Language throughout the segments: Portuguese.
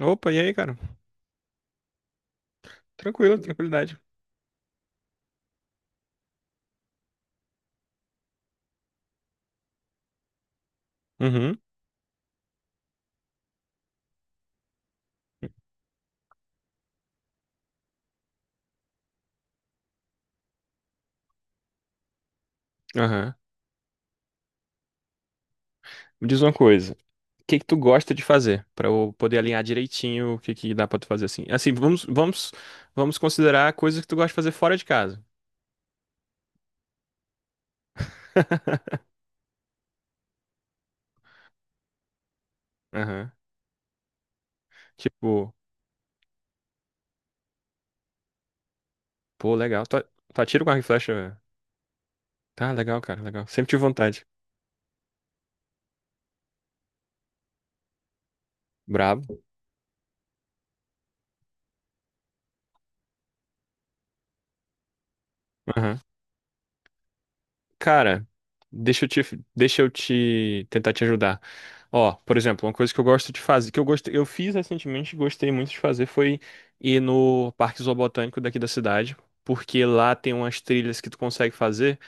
Opa, e aí, cara? Tranquilo, tranquilidade. Uhum, aham. Me diz uma coisa. O que que tu gosta de fazer? Pra eu poder alinhar direitinho o que que dá pra tu fazer assim. Assim, vamos considerar coisas que tu gosta de fazer fora de casa. Aham. Tipo, pô, legal. Tu atira com arco e flecha? Tá, legal, cara, legal. Sempre tive vontade. Brabo. Cara, deixa eu te, deixa eu te tentar te ajudar. Ó, por exemplo, uma coisa que eu gosto de fazer, que eu gostei, eu fiz recentemente, e gostei muito de fazer, foi ir no Parque Zoobotânico daqui da cidade, porque lá tem umas trilhas que tu consegue fazer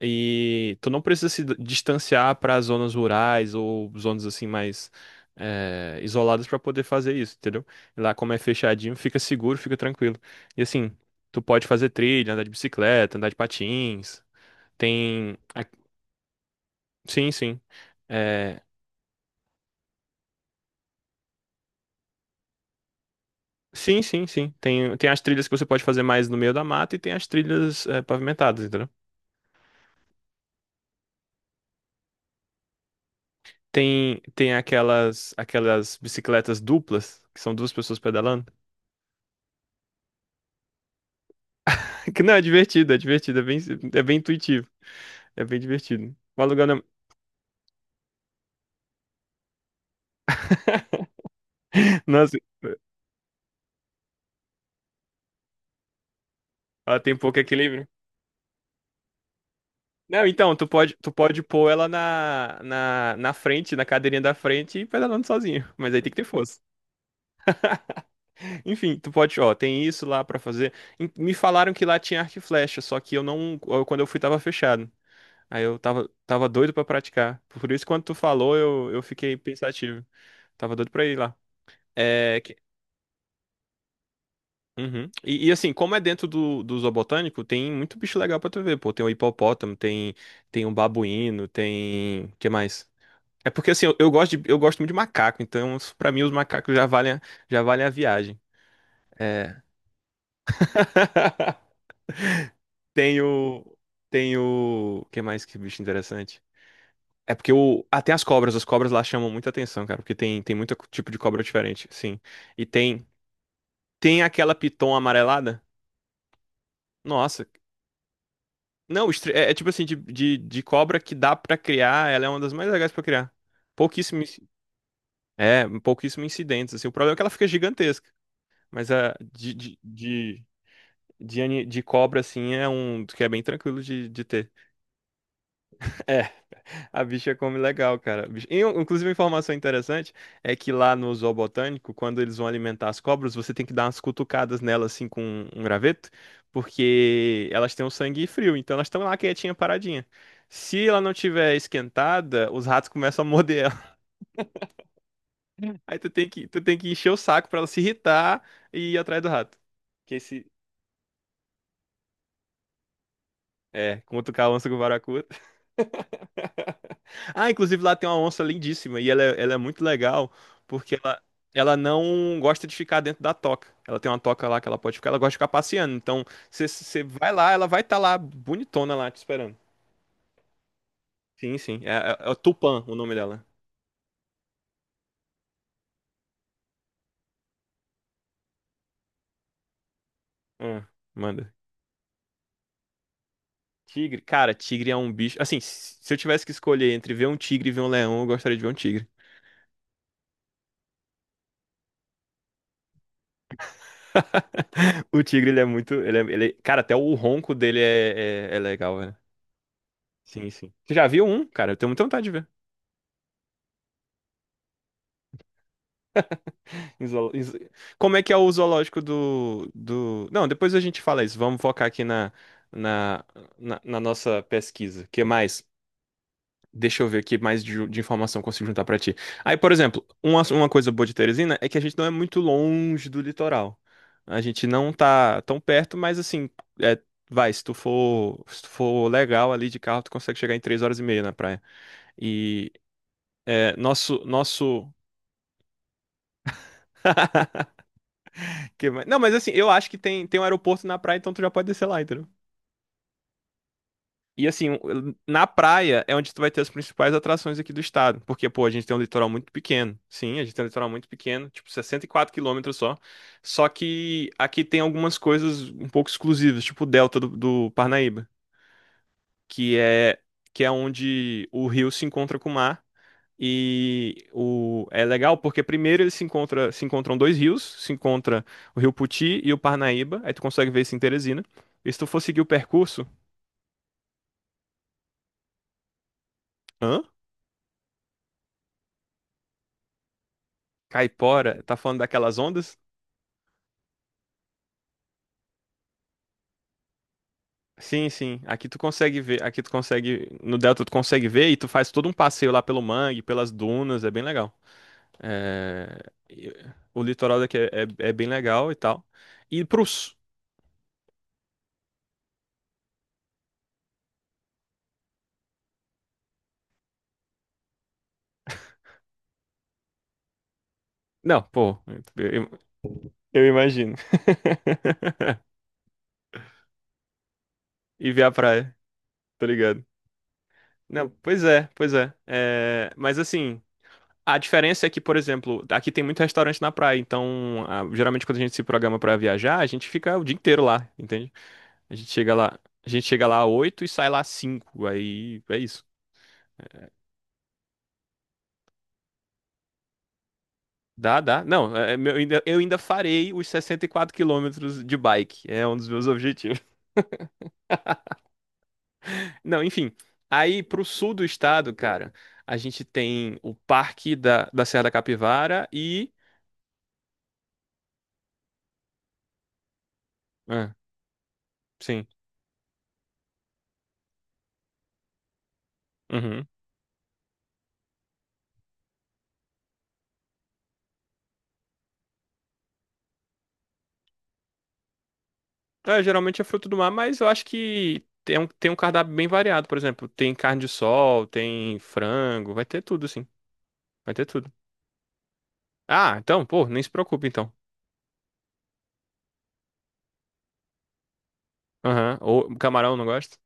e tu não precisa se distanciar para zonas rurais ou zonas assim mais isoladas para poder fazer isso, entendeu? Lá como é fechadinho, fica seguro, fica tranquilo. E assim, tu pode fazer trilha, andar de bicicleta, andar de patins. Tem. a- Sim, sim. É. Sim, sim, sim. Tem as trilhas que você pode fazer mais no meio da mata e tem as trilhas pavimentadas, entendeu? Tem aquelas bicicletas duplas, que são duas pessoas pedalando. Que não, é divertido, é divertido, é bem intuitivo. É bem divertido. O aluguel não. Nossa, ela tem pouco equilíbrio. Não, então, tu pode pôr ela na frente, na cadeirinha da frente e pedalando sozinho. Mas aí tem que ter força. Enfim, tu pode, ó, tem isso lá pra fazer. Me falaram que lá tinha arco e flecha, só que eu não, eu- quando eu fui tava fechado. Aí eu tava doido pra praticar. Por isso, quando tu falou, eu fiquei pensativo. Tava doido pra ir lá. É, que- uhum. E assim, como é dentro do zoobotânico, tem muito bicho legal pra tu ver, pô. Tem o hipopótamo, tem um babuíno, tem. Que mais? É porque assim, eu eu gosto muito de macaco, então pra mim os macacos já valem a viagem. É. Tem o. Tem o. O que mais que bicho interessante? É porque o. Ah, tem as cobras. As cobras lá chamam muita atenção, cara. Porque tem muito tipo de cobra diferente, sim. E tem. Tem aquela piton amarelada? Nossa. Não, é tipo assim, de cobra que dá pra criar. Ela é uma das mais legais pra criar. Pouquíssimo. inci- É, pouquíssimo incidentes, assim. O problema é que ela fica gigantesca. Mas a de, ani- de cobra, assim, é um que é bem tranquilo de ter. A bicha come legal, cara. Inclusive, uma informação interessante é que lá no zoo botânico, quando eles vão alimentar as cobras, você tem que dar umas cutucadas nelas assim com um graveto, porque elas têm o sangue frio, então elas estão lá quietinha, paradinha. Se ela não tiver esquentada, os ratos começam a morder ela. Aí tu tem que encher o saco pra ela se irritar e ir atrás do rato. Que esse é cutucar a onça com o baracuta. Ah, inclusive lá tem uma onça lindíssima e ela é muito legal porque ela não gosta de ficar dentro da toca. Ela tem uma toca lá que ela pode ficar, ela gosta de ficar passeando. Então, você vai lá, ela vai estar lá bonitona lá te esperando. Sim, sim. É o Tupã o nome dela. Ah, manda. Tigre, cara, tigre é um bicho. Assim, se eu tivesse que escolher entre ver um tigre e ver um leão, eu gostaria de ver um tigre. O tigre, ele é muito. Cara, até o ronco dele é legal, velho. Sim, sim. Você já viu um? Cara, eu tenho muita vontade de ver. Em zoolo- em zo- Como é que é o zoológico do. Não, depois a gente fala isso. Vamos focar aqui na, na nossa pesquisa. O que mais? Deixa eu ver aqui mais de informação que eu consigo juntar pra ti. Aí, por exemplo, uma coisa boa de Teresina é que a gente não é muito longe do litoral. A gente não tá tão perto, mas assim, é, se tu for legal ali de carro, tu consegue chegar em 3h30 na praia. E é, nosso, nosso Não, mas assim, eu acho que tem um aeroporto na praia, então tu já pode descer lá, entendeu? E assim, na praia é onde tu vai ter as principais atrações aqui do estado. Porque, pô, a gente tem um litoral muito pequeno. Sim, a gente tem um litoral muito pequeno, tipo 64 quilômetros só. Só que aqui tem algumas coisas um pouco exclusivas, tipo o delta do Parnaíba, que é, que é onde o rio se encontra com o mar. É legal porque primeiro eles se encontram dois rios, se encontra o Rio Puti e o Parnaíba, aí tu consegue ver isso em Teresina. E se tu for seguir o percurso, hã? Caipora, tá falando daquelas ondas? Sim, sim. Aqui tu consegue ver, no delta tu consegue ver e tu faz todo um passeio lá pelo mangue, pelas dunas, é bem legal. É, e- O litoral daqui é bem legal e tal. E pro... s- Não, pô, eu eu- imagino. E ver a praia. Tá ligado. Não, pois é, pois é. É, mas assim, a diferença é que, por exemplo, aqui tem muito restaurante na praia, então geralmente quando a gente se programa pra viajar, a gente fica o dia inteiro lá, entende? A gente chega lá, a gente chega lá às 8 e sai lá às 5, aí é isso. Dá, dá. Não, eu ainda farei os 64 quilômetros de bike, é um dos meus objetivos. Não, enfim, aí pro sul do estado, cara, a gente tem o Parque da Serra da Capivara e. Ah, sim. Uhum. É, geralmente é fruto do mar, mas eu acho que tem um cardápio bem variado, por exemplo. Tem carne de sol, tem frango, vai ter tudo, sim. Vai ter tudo. Ah, então, pô, nem se preocupe, então. Aham. Ou camarão, não gosta?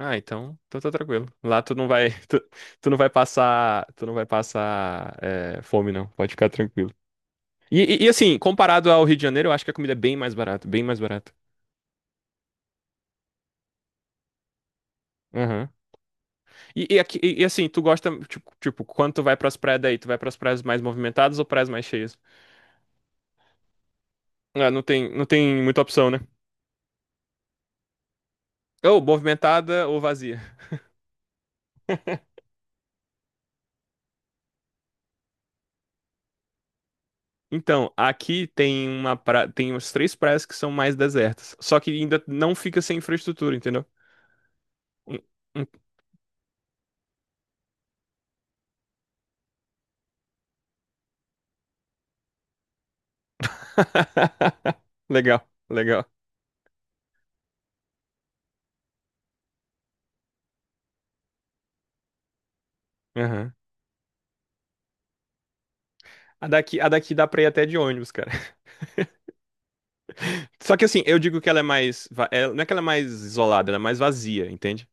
Ah, então tá tranquilo. Lá tu não vai, tu não vai passar fome, não. Pode ficar tranquilo. E, assim, comparado ao Rio de Janeiro, eu acho que a comida é bem mais barata, bem mais barata. Aham. E assim, tu gosta, tipo, quando tu vai pras praias daí, tu vai pras praias mais movimentadas ou praias mais cheias? Ah, não tem muita opção, né? Ou movimentada ou vazia. Então, aqui tem tem umas três praias que são mais desertas. Só que ainda não fica sem infraestrutura, entendeu? Hum, hum. Legal, legal. Aham. A daqui dá pra ir até de ônibus, cara. Só que assim, eu digo que ela é mais. Não é que ela é mais isolada, ela é mais vazia, entende?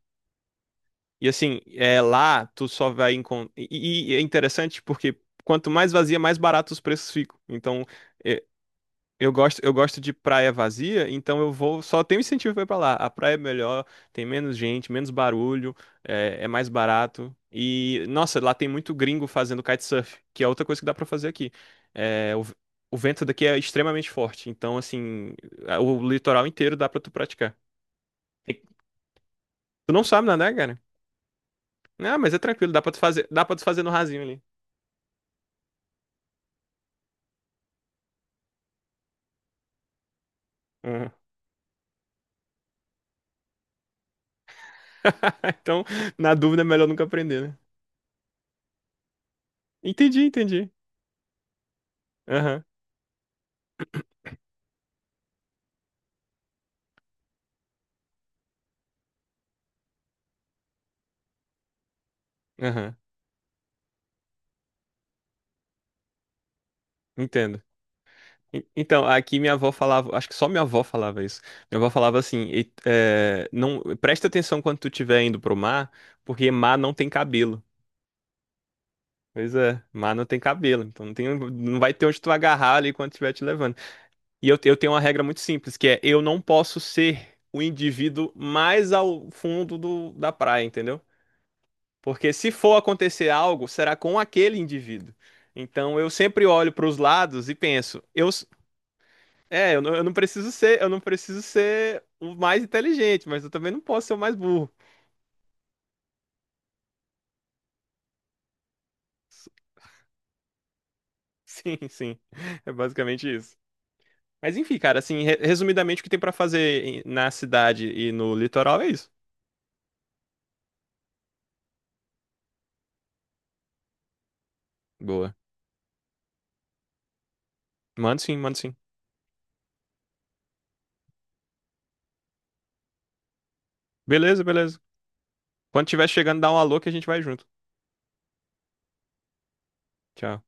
E assim, lá tu só vai encontrar. E é interessante porque quanto mais vazia, mais barato os preços ficam. Então, é, eu gosto de praia vazia, então eu vou. Só tenho incentivo pra ir pra lá. A praia é melhor, tem menos gente, menos barulho, é mais barato. E, nossa, lá tem muito gringo fazendo kitesurf, que é outra coisa que dá pra fazer aqui. É, o vento daqui é extremamente forte, então, assim, o litoral inteiro dá pra tu praticar. E tu não sabe nadar, cara? Ah, mas é tranquilo, dá pra tu fazer no rasinho ali. Uhum. Então, na dúvida, é melhor nunca aprender, né? Entendi, entendi. Aham, aham, entendo. Então, aqui minha avó falava, acho que só minha avó falava isso. Minha avó falava assim, não, presta atenção quando tu estiver indo pro mar, porque mar não tem cabelo. Pois é, mar não tem cabelo, então não tem, não vai ter onde tu agarrar ali quando estiver te levando. E eu tenho uma regra muito simples, que é eu não posso ser o indivíduo mais ao fundo da praia, entendeu? Porque se for acontecer algo, será com aquele indivíduo. Então eu sempre olho para os lados e penso, eu não preciso ser o mais inteligente, mas eu também não posso ser o mais burro. Sim, sim. É basicamente isso. Mas enfim, cara, assim, resumidamente o que tem pra fazer na cidade e no litoral é isso. Boa. Manda sim, manda sim. Beleza, beleza. Quando tiver chegando, dá um alô que a gente vai junto. Tchau.